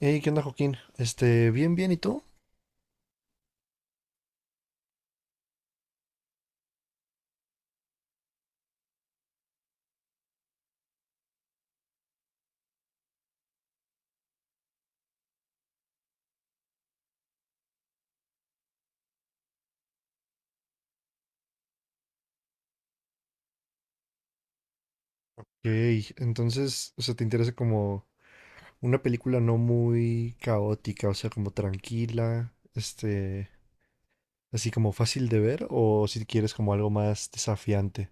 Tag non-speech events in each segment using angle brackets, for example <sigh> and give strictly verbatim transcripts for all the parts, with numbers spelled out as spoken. Hey, ¿qué onda, Joaquín? Este, bien, bien, ¿y tú? Ok, entonces, o sea, ¿te interesa como una película no muy caótica, o sea, como tranquila, este, así como fácil de ver, o si quieres como algo más desafiante?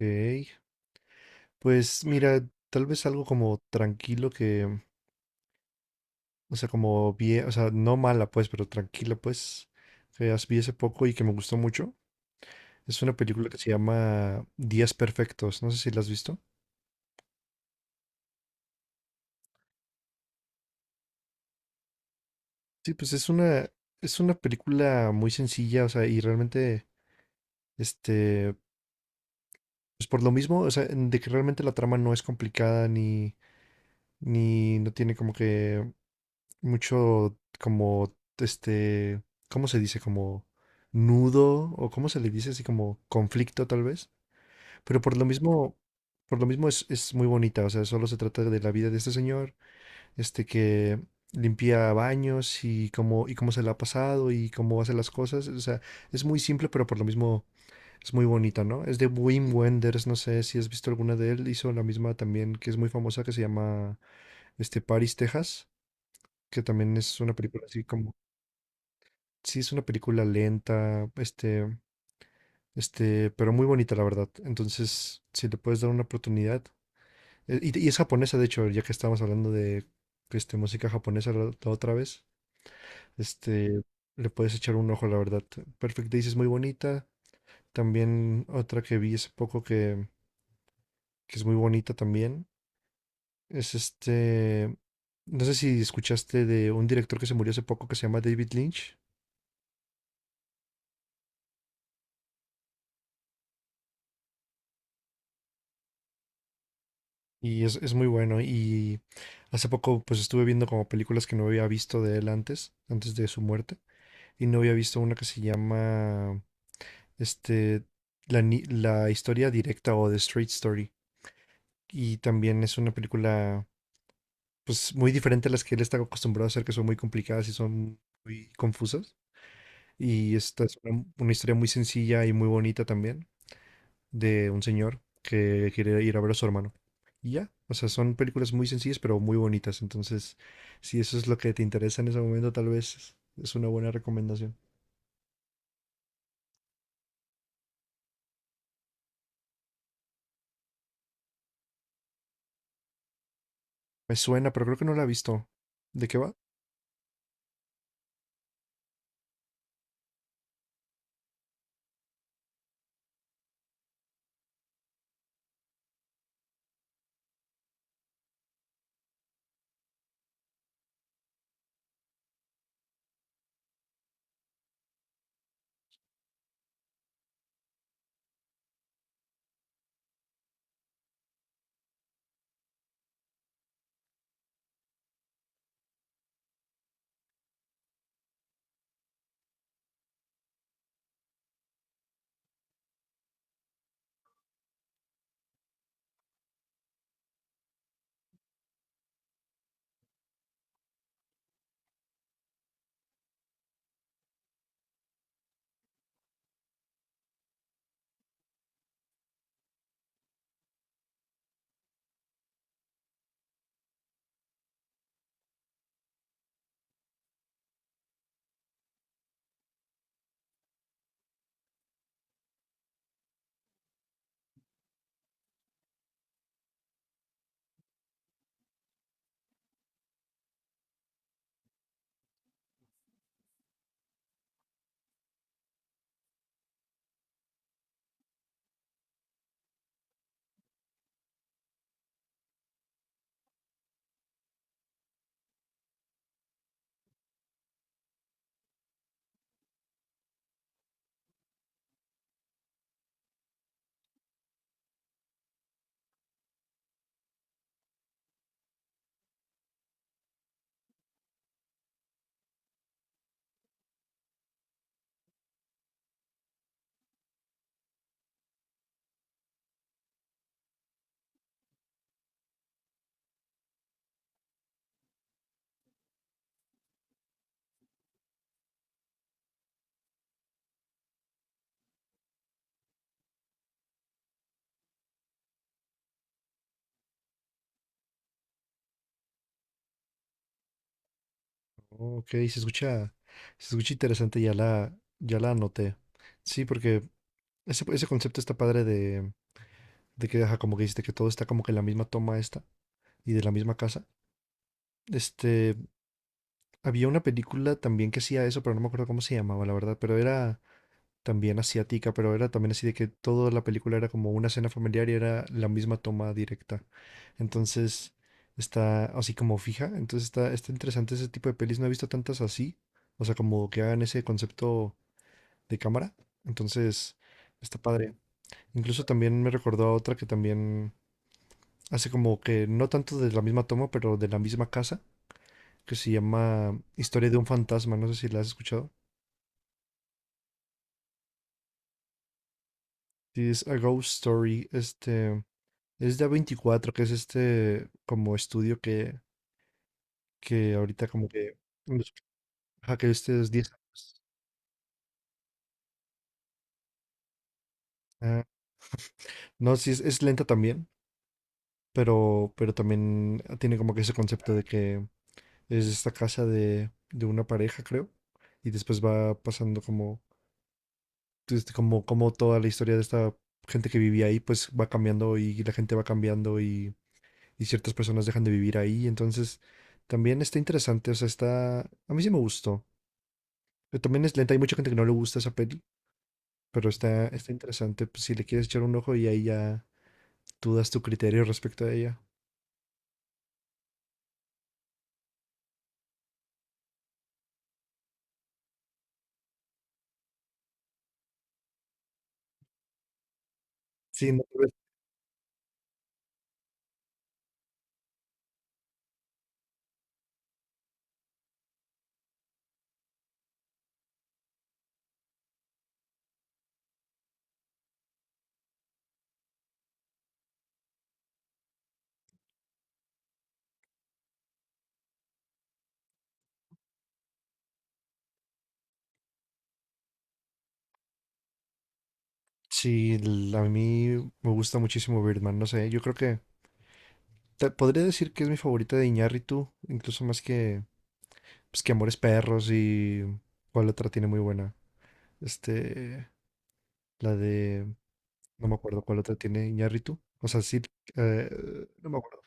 Ok, pues mira, tal vez algo como tranquilo que, o sea, como bien, o sea, no mala pues, pero tranquila pues, que as- vi hace poco y que me gustó mucho. Es una película que se llama Días Perfectos, no sé si la has visto. Sí, pues es una, es una película muy sencilla, o sea, y realmente, este, pues por lo mismo, o sea, en- de que realmente la trama no es complicada, ni, ni no tiene como que mucho, como, este, ¿cómo se dice? Como nudo, o cómo se le dice, así como conflicto tal vez, pero por lo mismo, por lo mismo es, es muy bonita. O sea, solo se trata de la vida de este señor este que limpia baños y cómo, y cómo se la ha pasado y cómo hace las cosas. O sea, es muy simple, pero por lo mismo es muy bonita, ¿no? Es de Wim Wenders, no sé si has visto alguna de él. Hizo la misma también, que es muy famosa, que se llama este, Paris, Texas, que también es una película así como. Sí, es una película lenta, este, este, pero muy bonita, la verdad. Entonces, si le puedes dar una oportunidad. eh, Y, y es japonesa, de hecho, ya que estábamos hablando de este, música japonesa la la otra vez. Este, Le puedes echar un ojo, la verdad. Perfect Days es muy bonita. También otra que vi hace poco que, que es muy bonita también. Es este. No sé si escuchaste de un director que se murió hace poco que se llama David Lynch. Y es, es muy bueno. Y hace poco pues estuve viendo como películas que no había visto de él antes, antes de su muerte. Y no había visto una que se llama este, la, ni- la historia directa o The Straight Story. Y también es una película pues muy diferente a las que él está acostumbrado a hacer, que son muy complicadas y son muy confusas. Y esta es una, una historia muy sencilla y muy bonita también, de un señor que quiere ir a ver a su hermano. Y ya, o sea, son películas muy sencillas pero muy bonitas. Entonces, si eso es lo que te interesa en ese momento, tal vez es es una buena recomendación. Me suena, pero creo que no la he visto. ¿De qué va? Ok, se escucha, se escucha interesante, ya la, ya la anoté. Sí, porque ese, ese concepto está padre de de que, ajá, como que dijiste que todo está como que en la misma toma esta y de la misma casa. Este, Había una película también que hacía eso, pero no me acuerdo cómo se llamaba, la verdad, pero era también asiática, pero era también así de que toda la película era como una escena familiar y era la misma toma directa. Entonces, está así como fija, entonces está, está interesante ese tipo de pelis, no he visto tantas así, o sea, como que hagan ese concepto de cámara. Entonces, está padre. Incluso también me recordó a otra que también hace como que no tanto de la misma toma, pero de la misma casa, que se llama Historia de un fantasma, no sé si la has escuchado. Sí, es A Ghost Story, este, es de A veinticuatro, que es este como estudio que, que ahorita como que, ajá, que este es 10 años. Ah, no, sí, es, es lenta también, pero, pero también tiene como que ese concepto de que es esta casa de, de una pareja, creo, y después va pasando como este, como, como toda la historia de esta gente que vivía ahí, pues va cambiando y la gente va cambiando y, y ciertas personas dejan de vivir ahí. Entonces, también está interesante. O sea, está, a mí sí me gustó. Pero también es lenta, hay mucha gente que no le gusta esa peli, pero está, está interesante. Pues, si le quieres echar un ojo y ahí ya tú das tu criterio respecto a ella. Sí, no, pero- sí, l- a mí me gusta muchísimo Birdman, no sé, yo creo que te- podría decir que es mi favorita de Iñárritu, incluso más que, pues, que Amores Perros. Y cuál otra tiene muy buena. Este, la de, no me acuerdo cuál otra tiene Iñárritu. O sea, sí, eh, no me acuerdo.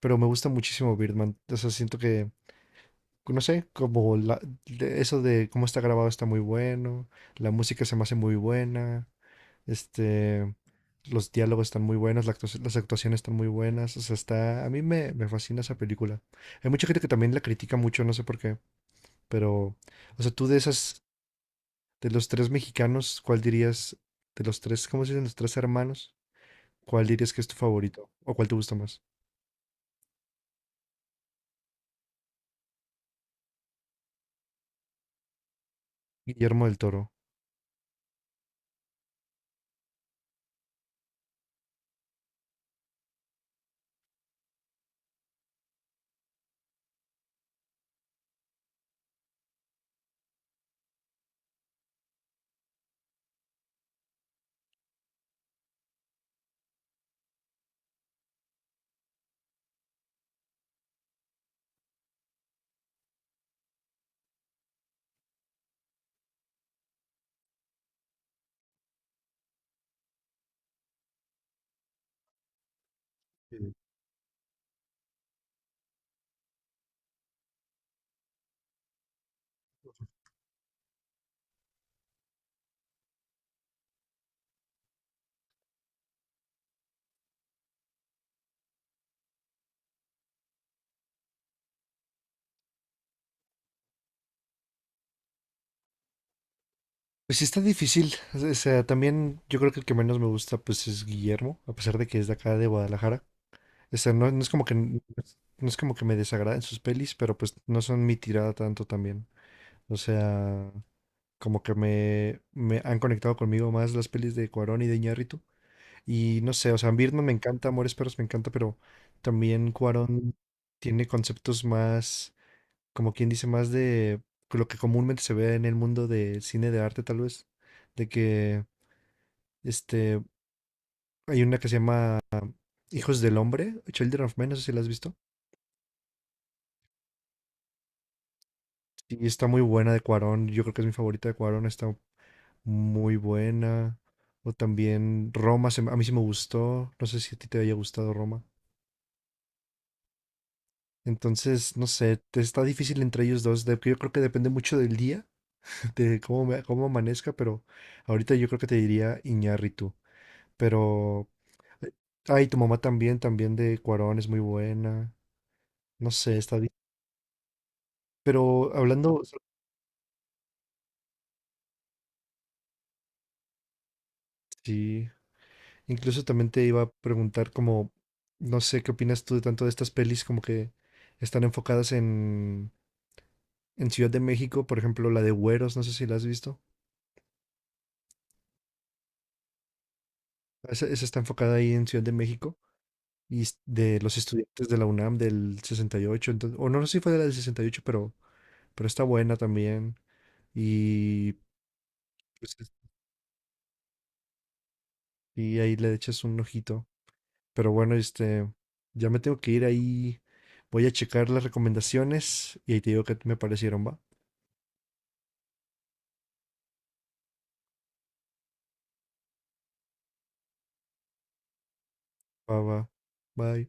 Pero me gusta muchísimo Birdman. O sea, siento que, no sé, como la, de- eso de cómo está grabado está muy bueno. La música se me hace muy buena. Este, los diálogos están muy buenos. La actua- las actuaciones están muy buenas. O sea, está, a mí me, me fascina esa película. Hay mucha gente que también la critica mucho, no sé por qué. Pero, o sea, tú de esas. De los tres mexicanos, ¿cuál dirías? De los tres, ¿cómo se dicen? Los tres hermanos, ¿cuál dirías que es tu favorito? ¿O cuál te gusta más? Guillermo del Toro. Sí. Pues sí, está difícil. O sea, también yo creo que el que menos me gusta pues es Guillermo, a pesar de que es de acá de Guadalajara. O sea, no, no es como que n- no es como que me desagraden sus pelis, pero pues no son mi tirada tanto también. O sea, como que me, me han conectado conmigo más las pelis de Cuarón y de Iñárritu. Y no sé, o sea, Birdman me encanta, Amores Perros me encanta, pero también Cuarón tiene conceptos más, como quien dice, más de lo que comúnmente se ve en el mundo del cine de arte, tal vez, de que este hay una que se llama Hijos del Hombre, Children of Men, no sé si la has visto. Y está muy buena de Cuarón, yo creo que es mi favorita de Cuarón, está muy buena. O también Roma, se me- a mí sí me gustó, no sé si a ti te haya gustado Roma. Entonces, no sé, te- está difícil entre ellos dos. de- yo creo que depende mucho del día, <laughs> de cómo, me- cómo amanezca, pero ahorita yo creo que te diría Iñárritu. Pero, eh, ay, tu mamá también, también de Cuarón es muy buena. No sé, está bien. Pero hablando, so, sí, incluso también te iba a preguntar como, no sé, ¿qué opinas tú de tanto de estas pelis como que están enfocadas en, en Ciudad de México? Por ejemplo, la de Güeros, no sé si la has visto. Esa, esa está enfocada ahí en Ciudad de México, y s- de los estudiantes de la UNAM del sesenta y ocho. Entonces, o no, sé si fue de la del sesenta y ocho, pero, pero está buena también. Y pues, es- y ahí le echas un ojito. Pero bueno, este, ya me tengo que ir ahí. Voy a checar las recomendaciones y ahí te digo qué me parecieron, va. Va, va. Bye.